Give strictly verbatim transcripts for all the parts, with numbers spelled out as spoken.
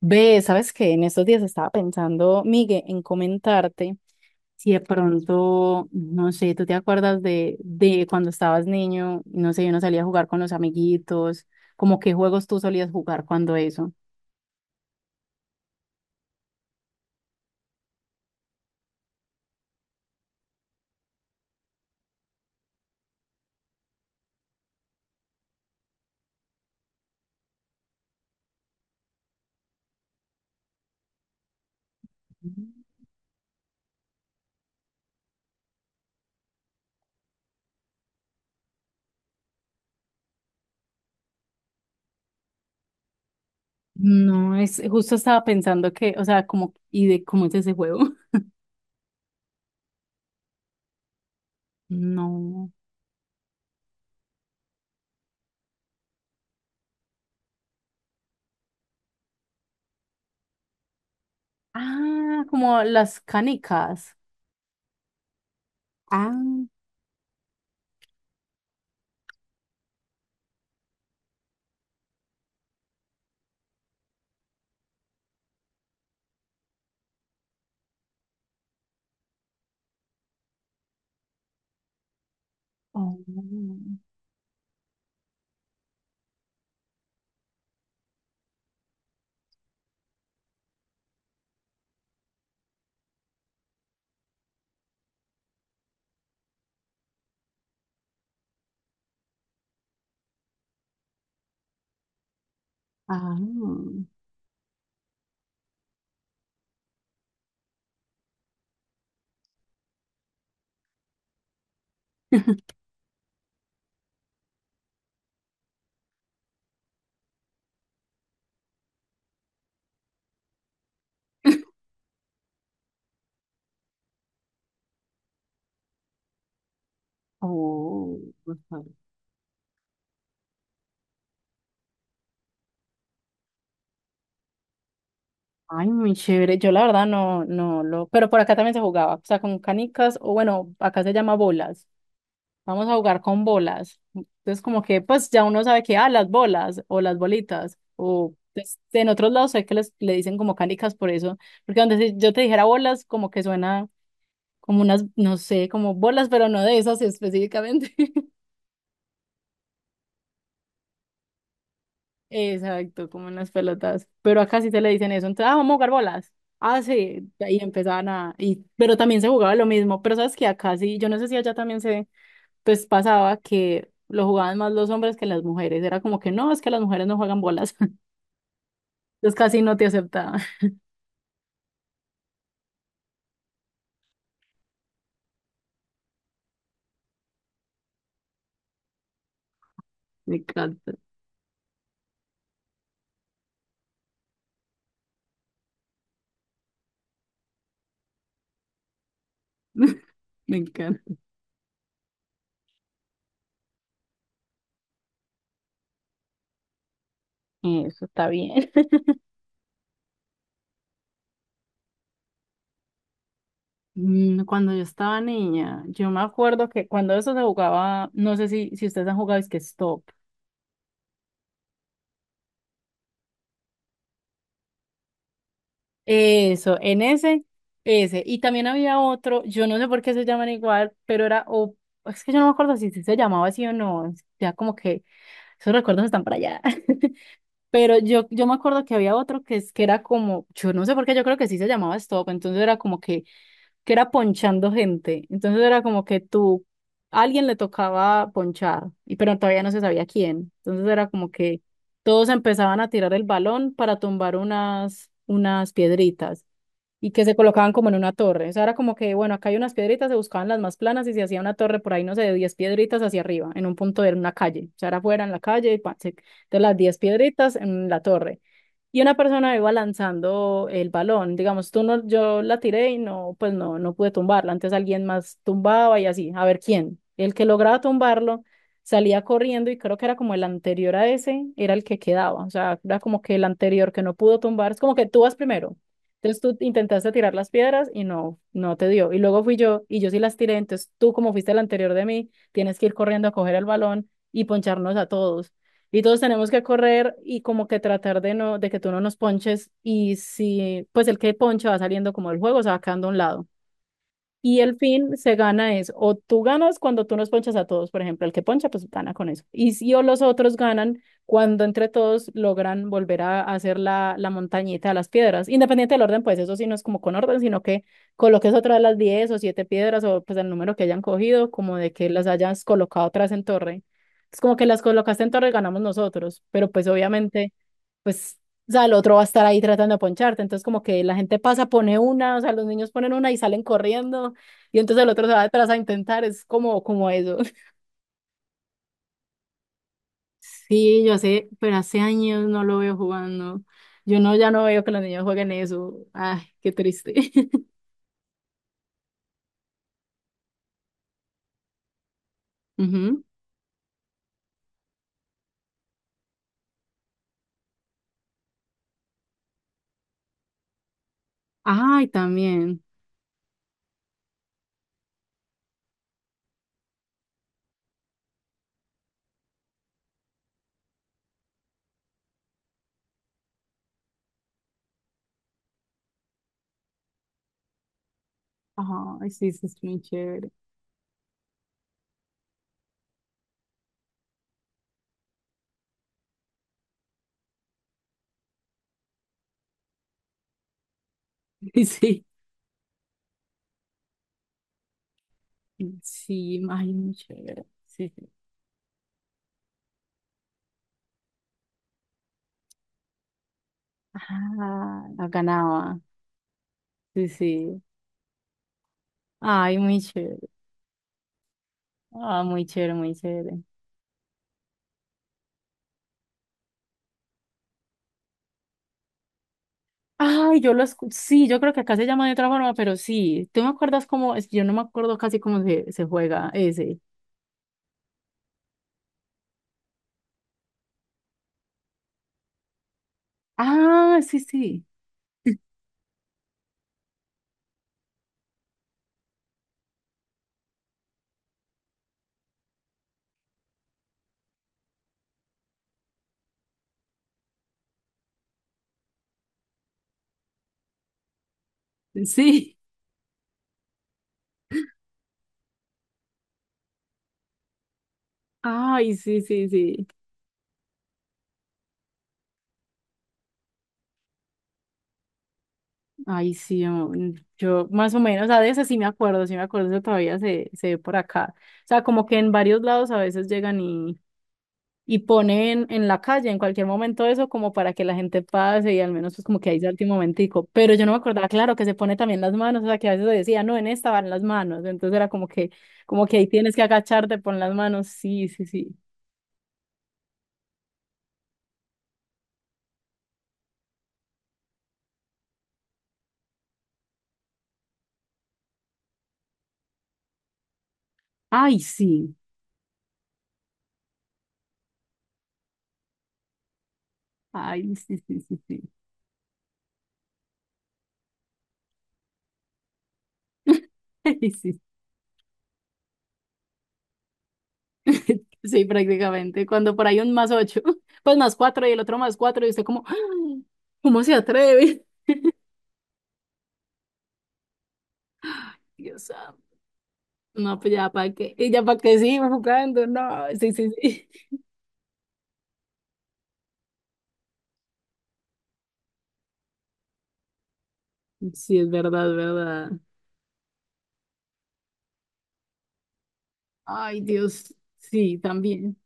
Ve, sabes que en estos días estaba pensando, Miguel, en comentarte si de pronto, no sé, tú te acuerdas de, de cuando estabas niño, no sé, uno salía a jugar con los amiguitos, como qué juegos tú solías jugar cuando eso. No, es justo estaba pensando que, o sea, como, ¿y de cómo es ese juego? No. Ah, como las canicas. Ah, oh, ah. Oh, ok. Ay, muy chévere. Yo la verdad no, no lo, pero por acá también se jugaba, o sea, con canicas, o bueno, acá se llama bolas. Vamos a jugar con bolas. Entonces, como que, pues ya uno sabe que, ah, las bolas o las bolitas, o pues, en otros lados sé que les, le dicen como canicas por eso, porque donde si yo te dijera bolas, como que suena como unas, no sé, como bolas, pero no de esas específicamente. Exacto, como en las pelotas. Pero acá sí se le dicen eso. Entonces, ah, vamos a jugar bolas. Ah, sí. Y empezaban a. Y, pero también se jugaba lo mismo. Pero sabes que acá sí, yo no sé si allá también se, pues pasaba que lo jugaban más los hombres que las mujeres. Era como que no, es que las mujeres no juegan bolas. Entonces casi no te aceptaban. Me encanta. Me encanta. Eso está bien. Mm, Cuando yo estaba niña, yo me acuerdo que cuando eso se jugaba, no sé si, si ustedes han jugado, es que stop. Eso, en ese, ese. Y también había otro, yo no sé por qué se llaman igual, pero era, o es que yo no me acuerdo si sí se llamaba así o no. Ya como que esos recuerdos están para allá. Pero yo, yo me acuerdo que había otro que es que era como, yo no sé por qué, yo creo que sí se llamaba Stop, entonces era como que, que era ponchando gente. Entonces era como que tú, a alguien le tocaba ponchar, y pero todavía no se sabía quién. Entonces era como que todos empezaban a tirar el balón para tumbar unas, unas piedritas y que se colocaban como en una torre. O sea, era como que, bueno, acá hay unas piedritas, se buscaban las más planas y se hacía una torre por ahí, no sé, de diez piedritas hacia arriba, en un punto de una calle. O sea, era afuera en la calle, y pa, se- de las diez piedritas en la torre y una persona iba lanzando el balón. Digamos, tú no, yo la tiré y no, pues no, no pude tumbarla. Antes alguien más tumbaba y así, a ver quién. El que lograba tumbarlo salía corriendo y creo que era como el anterior a ese, era el que quedaba. O sea, era como que el anterior que no pudo tumbar, es como que tú vas primero. Entonces tú intentaste tirar las piedras y no, no te dio. Y luego fui yo y yo sí las tiré. Entonces tú, como fuiste el anterior de mí, tienes que ir corriendo a coger el balón y poncharnos a todos y todos tenemos que correr y como que tratar de no, de que tú no nos ponches y si, pues el que ponche va saliendo como del juego, se va quedando a un lado. Y el fin se gana es, o tú ganas cuando tú nos ponchas a todos, por ejemplo, el que poncha, pues gana con eso. Y si o los otros ganan cuando entre todos logran volver a hacer la, la montañita de las piedras, independiente del orden, pues eso sí no es como con orden, sino que coloques otra de las diez o siete piedras o pues el número que hayan cogido, como de que las hayas colocado atrás en torre. Es como que las colocaste en torre, ganamos nosotros, pero pues obviamente pues, o sea, el otro va a estar ahí tratando de poncharte. Entonces, como que la gente pasa, pone una, o sea, los niños ponen una y salen corriendo, y entonces el otro se va detrás a intentar, es como, como eso. Sí, yo sé, pero hace años no lo veo jugando. Yo no, ya no veo que los niños jueguen eso. Ay, qué triste. Ujú. Ay, también. Ay, sí, sí, es muy chévere. Sí, sí, ay, muy chévere. Sí, sí. Ah, la ganaba. Sí, sí. Ay, muy chévere. Ah, muy chévere, muy chévere. Ay, yo lo escuché. Sí, yo creo que acá se llama de otra forma, pero sí. ¿Tú me acuerdas cómo? Es que yo no me acuerdo casi cómo se, se juega ese. Ah, sí, sí. Sí. Ay, sí, sí, sí. Ay, sí, yo, yo más o menos, a veces sí me acuerdo, sí me acuerdo, eso todavía se, se ve por acá. O sea, como que en varios lados a veces llegan y ponen en la calle en cualquier momento eso como para que la gente pase y al menos pues como que ahí salte un momentico. Pero yo no me acordaba, claro, que se pone también las manos, o sea, que a veces decía, no, en esta van las manos. Entonces era como que, como que ahí tienes que agacharte, pon las manos. Sí, sí, sí. Ay, sí. Ay, sí, sí, sí, sí. Ay, sí, sí, prácticamente. Cuando por ahí un más ocho, pues más cuatro y el otro más cuatro, y usted como, ¡ah! ¿Cómo se atreve? Dios santo. No, pues ya para qué, y ya para qué sigo jugando, no, sí, sí, sí. Sí, es verdad, verdad. Ay, Dios. Sí, también.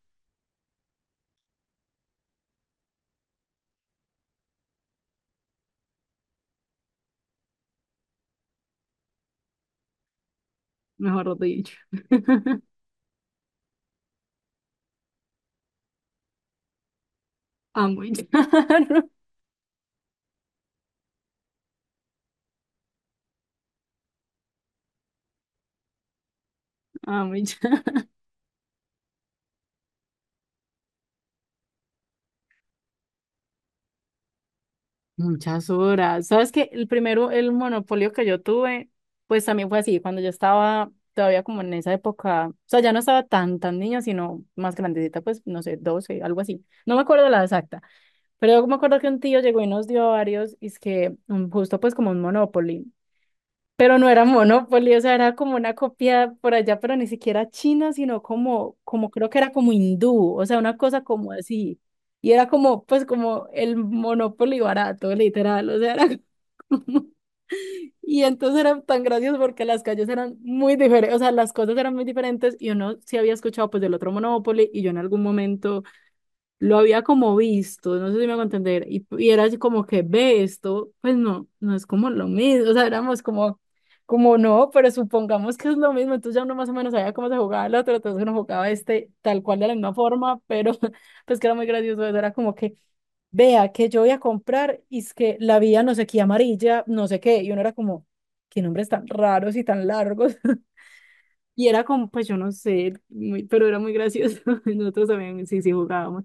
Mejor dicho. Amo y llorar. Amo y llorar. Muchas horas. ¿Sabes qué? El primero, el monopolio que yo tuve, pues también fue así, cuando yo estaba todavía como en esa época, o sea, ya no estaba tan, tan niña, sino más grandecita, pues, no sé, doce, algo así. No me acuerdo la exacta, pero yo me acuerdo que un tío llegó y nos dio varios, y es que mm, justo pues como un monopolio. Pero no era Monopoly, o sea, era como una copia por allá, pero ni siquiera china, sino como, como creo que era como hindú, o sea, una cosa como así. Y era como, pues como el Monopoly barato, literal, o sea, era como... Y entonces eran tan graciosos porque las calles eran muy diferentes, o sea, las cosas eran muy diferentes y uno sí había escuchado pues del otro Monopoly y yo en algún momento lo había como visto, no sé si me hago entender, y, y era así como que ve esto, pues no, no es como lo mismo, o sea, éramos como, como, no, pero supongamos que es lo mismo, entonces ya uno más o menos sabía cómo se jugaba el otro, entonces uno jugaba este tal cual de la misma forma, pero pues que era muy gracioso, eso era como que vea que yo voy a comprar y es que la vía no sé qué amarilla, no sé qué, y uno era como, qué nombres tan raros y tan largos. Y era como, pues yo no sé, muy- pero era muy gracioso. Nosotros también sí, sí jugábamos.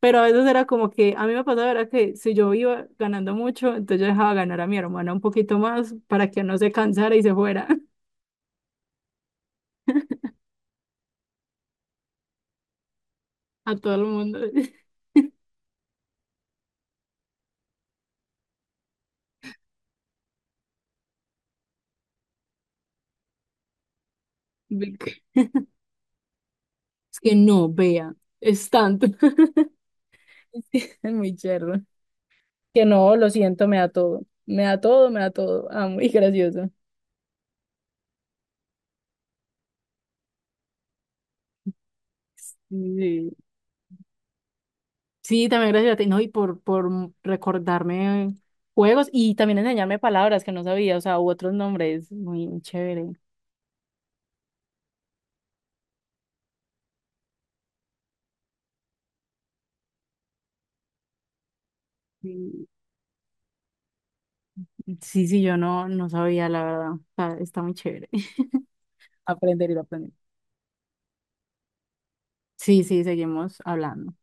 Pero a veces era como que a mí me pasaba era que si yo iba ganando mucho, entonces yo dejaba ganar a mi hermana un poquito más para que no se cansara y se fuera a todo el mundo. Ve que- Es que no, vea, es tanto. Es que es muy cherro. Que no, lo siento, me da todo. Me da todo, me da todo. Ah, muy gracioso. Sí. Sí, también gracias a ti, ¿no? Y por, por recordarme juegos y también enseñarme palabras que no sabía, o sea, u otros nombres, muy, muy chévere. Y- Sí, sí, yo no, no sabía, la verdad. O sea, está muy chévere. Aprender y aprender. Sí, sí, seguimos hablando.